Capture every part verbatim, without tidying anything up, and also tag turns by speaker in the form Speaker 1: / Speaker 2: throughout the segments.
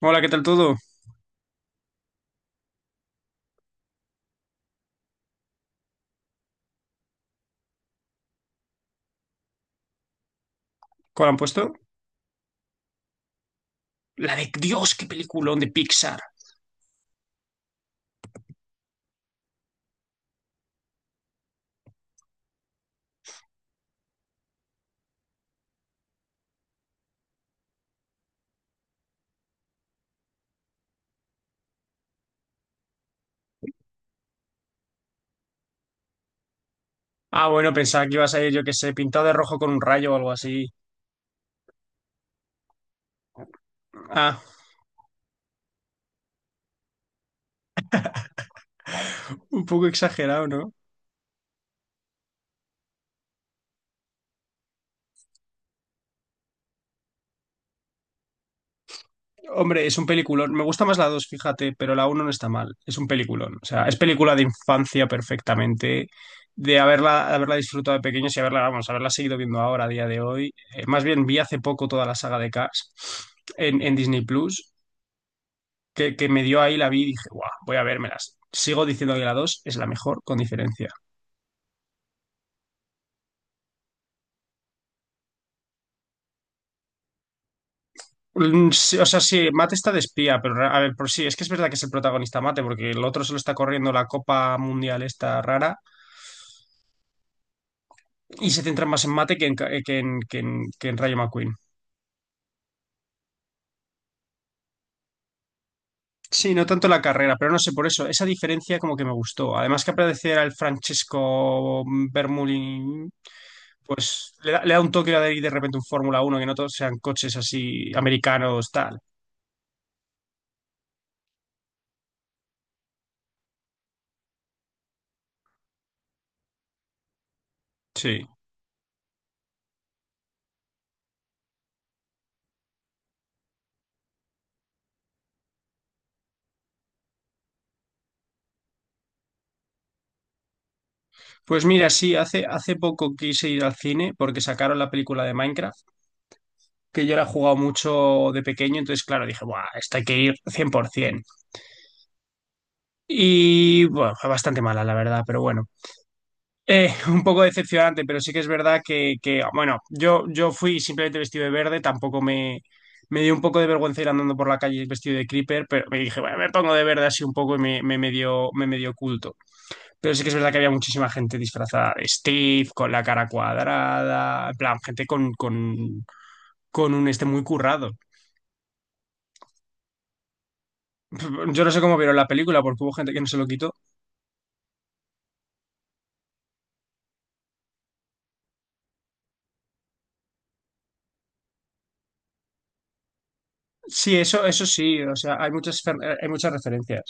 Speaker 1: Hola, ¿qué tal todo? ¿Cuál han puesto? La de Dios, qué peliculón de Pixar. Ah, bueno, pensaba que ibas a ir, yo qué sé, pintado de rojo con un rayo o algo así. Ah, un poco exagerado, ¿no? Hombre, es un peliculón. Me gusta más la dos, fíjate, pero la uno no está mal. Es un peliculón. O sea, es película de infancia perfectamente, de haberla, de haberla disfrutado de pequeños y haberla, vamos, haberla seguido viendo ahora, a día de hoy. Eh, más bien, vi hace poco toda la saga de Cars en, en Disney Plus que, que me dio ahí la vi y dije, guau, voy a vérmelas. Sigo diciendo que la dos es la mejor, con diferencia. Mm, sí, o sea, sí, Mate está de espía, pero a ver, por sí, es que es verdad que es el protagonista Mate, porque el otro solo está corriendo la Copa Mundial esta rara y se centra más en Mate que en, ca- eh, que en, que en, que en Rayo McQueen. Sí, no tanto la carrera, pero no sé, por eso, esa diferencia como que me gustó. Además que apareciera el Francesco Bermulin, pues le da, le da un toque de, de repente un Fórmula uno que no todos sean coches así americanos, tal. Sí. Pues mira, sí, hace, hace poco quise ir al cine porque sacaron la película de Minecraft, que yo la he jugado mucho de pequeño, entonces claro, dije, ¡buah! Esta hay que ir cien por ciento. Y bueno, fue bastante mala, la verdad, pero bueno. Eh, un poco decepcionante, pero sí que es verdad que, que, bueno, yo, yo fui simplemente vestido de verde, tampoco me, me dio un poco de vergüenza ir andando por la calle vestido de creeper, pero me dije, bueno, me pongo de verde así un poco y me, me medio, me medio oculto. Pero sí que es verdad que había muchísima gente disfrazada de Steve, con la cara cuadrada, en plan, gente con, con, con un este muy currado. Yo no sé cómo vieron la película, porque hubo gente que no se lo quitó. Sí, eso, eso sí, o sea, hay muchas, fer- eh, hay muchas referencias.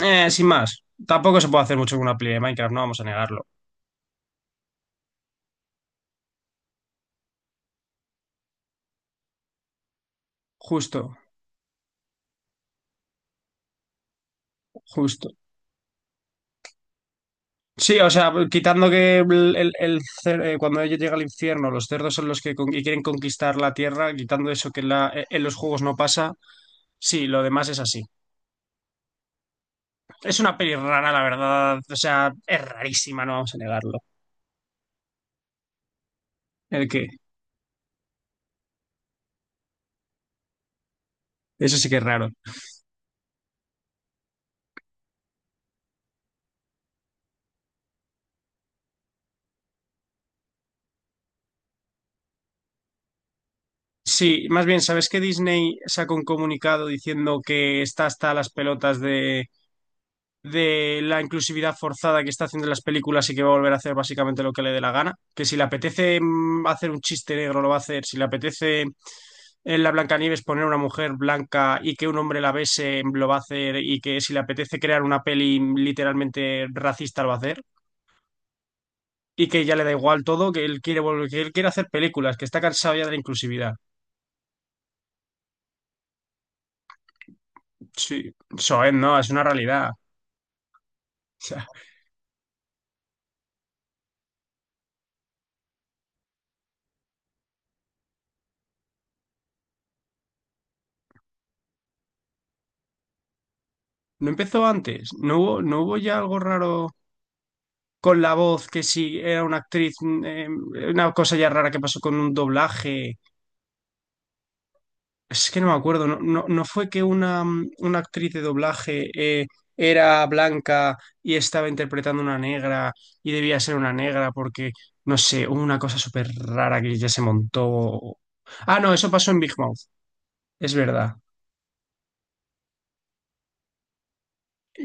Speaker 1: Eh, sin más, tampoco se puede hacer mucho con una peli de Minecraft, no vamos a negarlo. Justo, Justo. Sí, o sea, quitando que el, el- el cer- eh, cuando ella llega al infierno, los cerdos son los que con- y quieren conquistar la tierra, quitando eso que en la- eh, en los juegos no pasa, sí, lo demás es así. Es una peli rara, la verdad. O sea, es rarísima, no vamos a negarlo. El que, eso sí que es raro. Sí, más bien, ¿sabes que Disney sacó un comunicado diciendo que está hasta las pelotas de, de la inclusividad forzada que está haciendo en las películas y que va a volver a hacer básicamente lo que le dé la gana? Que si le apetece mm, hacer un chiste negro, lo va a hacer. Si le apetece en la Blancanieves poner una mujer blanca y que un hombre la bese, lo va a hacer. Y que si le apetece crear una peli mm, literalmente racista, lo va a hacer. Y que ya le da igual todo, que él quiere volver, que él quiere hacer películas, que está cansado ya de la inclusividad. Sí, eso es, no, es una realidad. No empezó antes, no hubo, no hubo ya algo raro con la voz, que si era una actriz, mm, eh, una cosa ya rara que pasó con un doblaje. Es que no me acuerdo, no, no, no fue que una, mm, una actriz de doblaje eh, era blanca y estaba interpretando una negra y debía ser una negra porque, no sé, hubo una cosa súper rara que ya se montó. Ah, no, eso pasó en Big Mouth. Es verdad.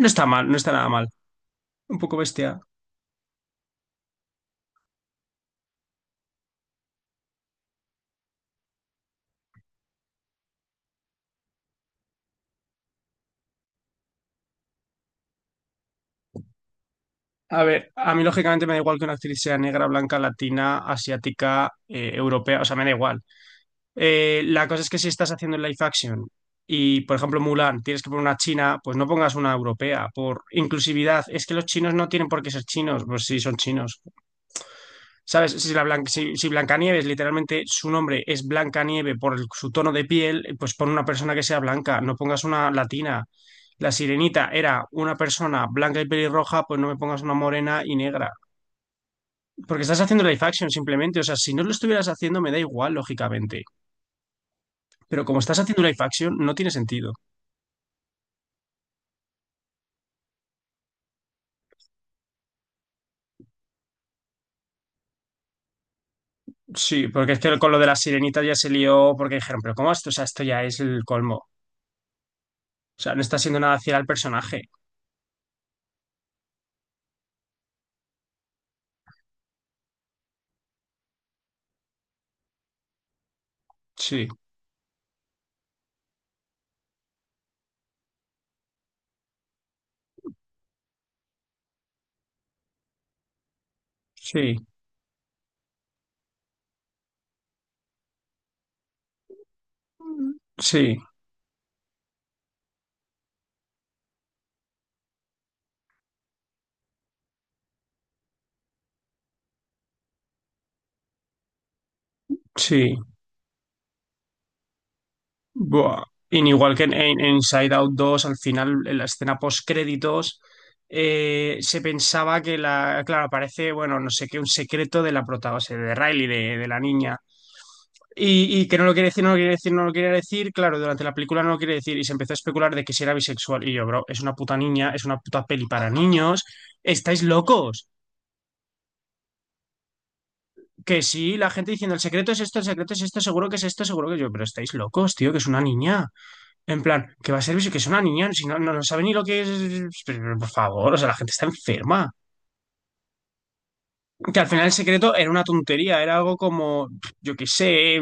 Speaker 1: No está mal, no está nada mal. Un poco bestia. A ver, a mí lógicamente me da igual que una actriz sea negra, blanca, latina, asiática, eh, europea, o sea, me da igual. Eh, la cosa es que si estás haciendo live action y, por ejemplo, Mulan, tienes que poner una china, pues no pongas una europea. Por inclusividad, es que los chinos no tienen por qué ser chinos, pues sí, son chinos. ¿Sabes? Si, la Blan- si, si Blancanieves, literalmente su nombre es Blancanieve por el- su tono de piel, pues pon una persona que sea blanca, no pongas una latina. La sirenita era una persona blanca y pelirroja, pues no me pongas una morena y negra. Porque estás haciendo live action simplemente. O sea, si no lo estuvieras haciendo, me da igual, lógicamente. Pero como estás haciendo live action, no tiene sentido. Sí, porque es que con lo de la sirenita ya se lió, porque dijeron, pero ¿cómo esto? O sea, esto ya es el colmo. O sea, no está haciendo nada fiel al personaje. Sí, sí, sí, sí. Buah. Y igual que en, en- en Inside Out dos al final, en la escena post-créditos, eh, se pensaba que la. Claro, aparece, bueno, no sé qué, un secreto de la prota, o sea, de Riley, de, de la niña. Y, y que no lo quiere decir, no lo quiere decir, no lo quiere decir. Claro, durante la película no lo quiere decir. Y se empezó a especular de que si era bisexual. Y yo, bro, es una puta niña, es una puta peli para niños. ¿Estáis locos? Que sí, la gente diciendo el secreto es esto, el secreto es esto, seguro que es esto, seguro que yo. Pero estáis locos, tío, que es una niña. En plan, que va a ser eso, que es una niña, si no, no, no sabe ni lo que es. Pero, pero, por favor, o sea, la gente está enferma. Que al final el secreto era una tontería, era algo como, yo qué sé,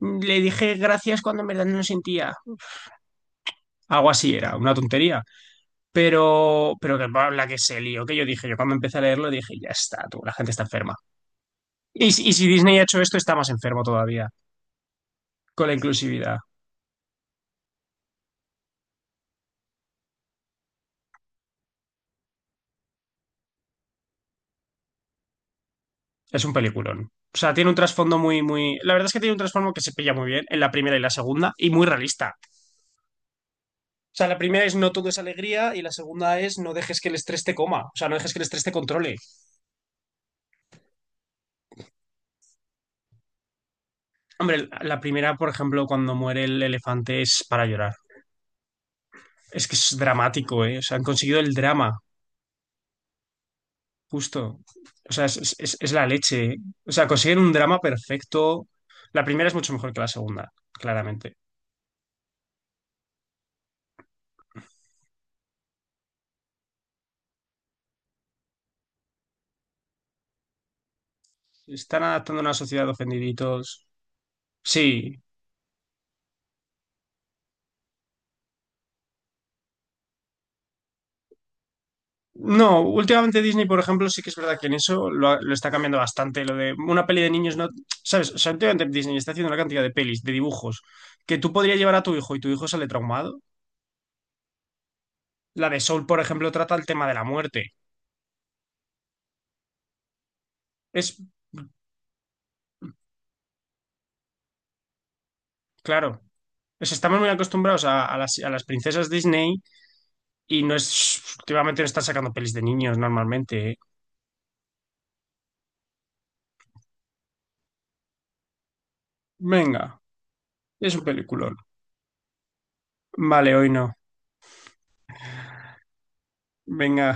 Speaker 1: mm, le dije gracias cuando en verdad no lo sentía. Algo así era, una tontería. Pero, pero que va, la que se lió, que yo dije, yo cuando empecé a leerlo dije, ya está, tú, la gente está enferma. Y, si- y si Disney ha hecho esto, está más enfermo todavía, con la inclusividad. Es un peliculón. O sea, tiene un trasfondo muy, muy. La verdad es que tiene un trasfondo que se pilla muy bien en la primera y la segunda, y muy realista. O sea, la primera es no todo es alegría y la segunda es no dejes que el estrés te coma, o sea, no dejes que el estrés te controle. Hombre, la primera, por ejemplo, cuando muere el elefante es para llorar. Es que es dramático, ¿eh? O sea, han conseguido el drama, justo. O sea, es, es- es la leche. O sea, consiguen un drama perfecto. La primera es mucho mejor que la segunda, claramente. Están adaptando a una sociedad de ofendiditos. Sí, no, últimamente Disney, por ejemplo, sí que es verdad que en eso lo, ha- lo está cambiando bastante. Lo de una peli de niños, no, ¿sabes? O sea, últimamente Disney está haciendo una cantidad de pelis, de dibujos, que tú podrías llevar a tu hijo y tu hijo sale traumado. La de Soul, por ejemplo, trata el tema de la muerte. Es, claro, pues estamos muy acostumbrados a, a las, a las princesas Disney y no es, últimamente no están sacando pelis de niños normalmente, ¿eh? Venga, es un peliculón. Vale, hoy no. Venga.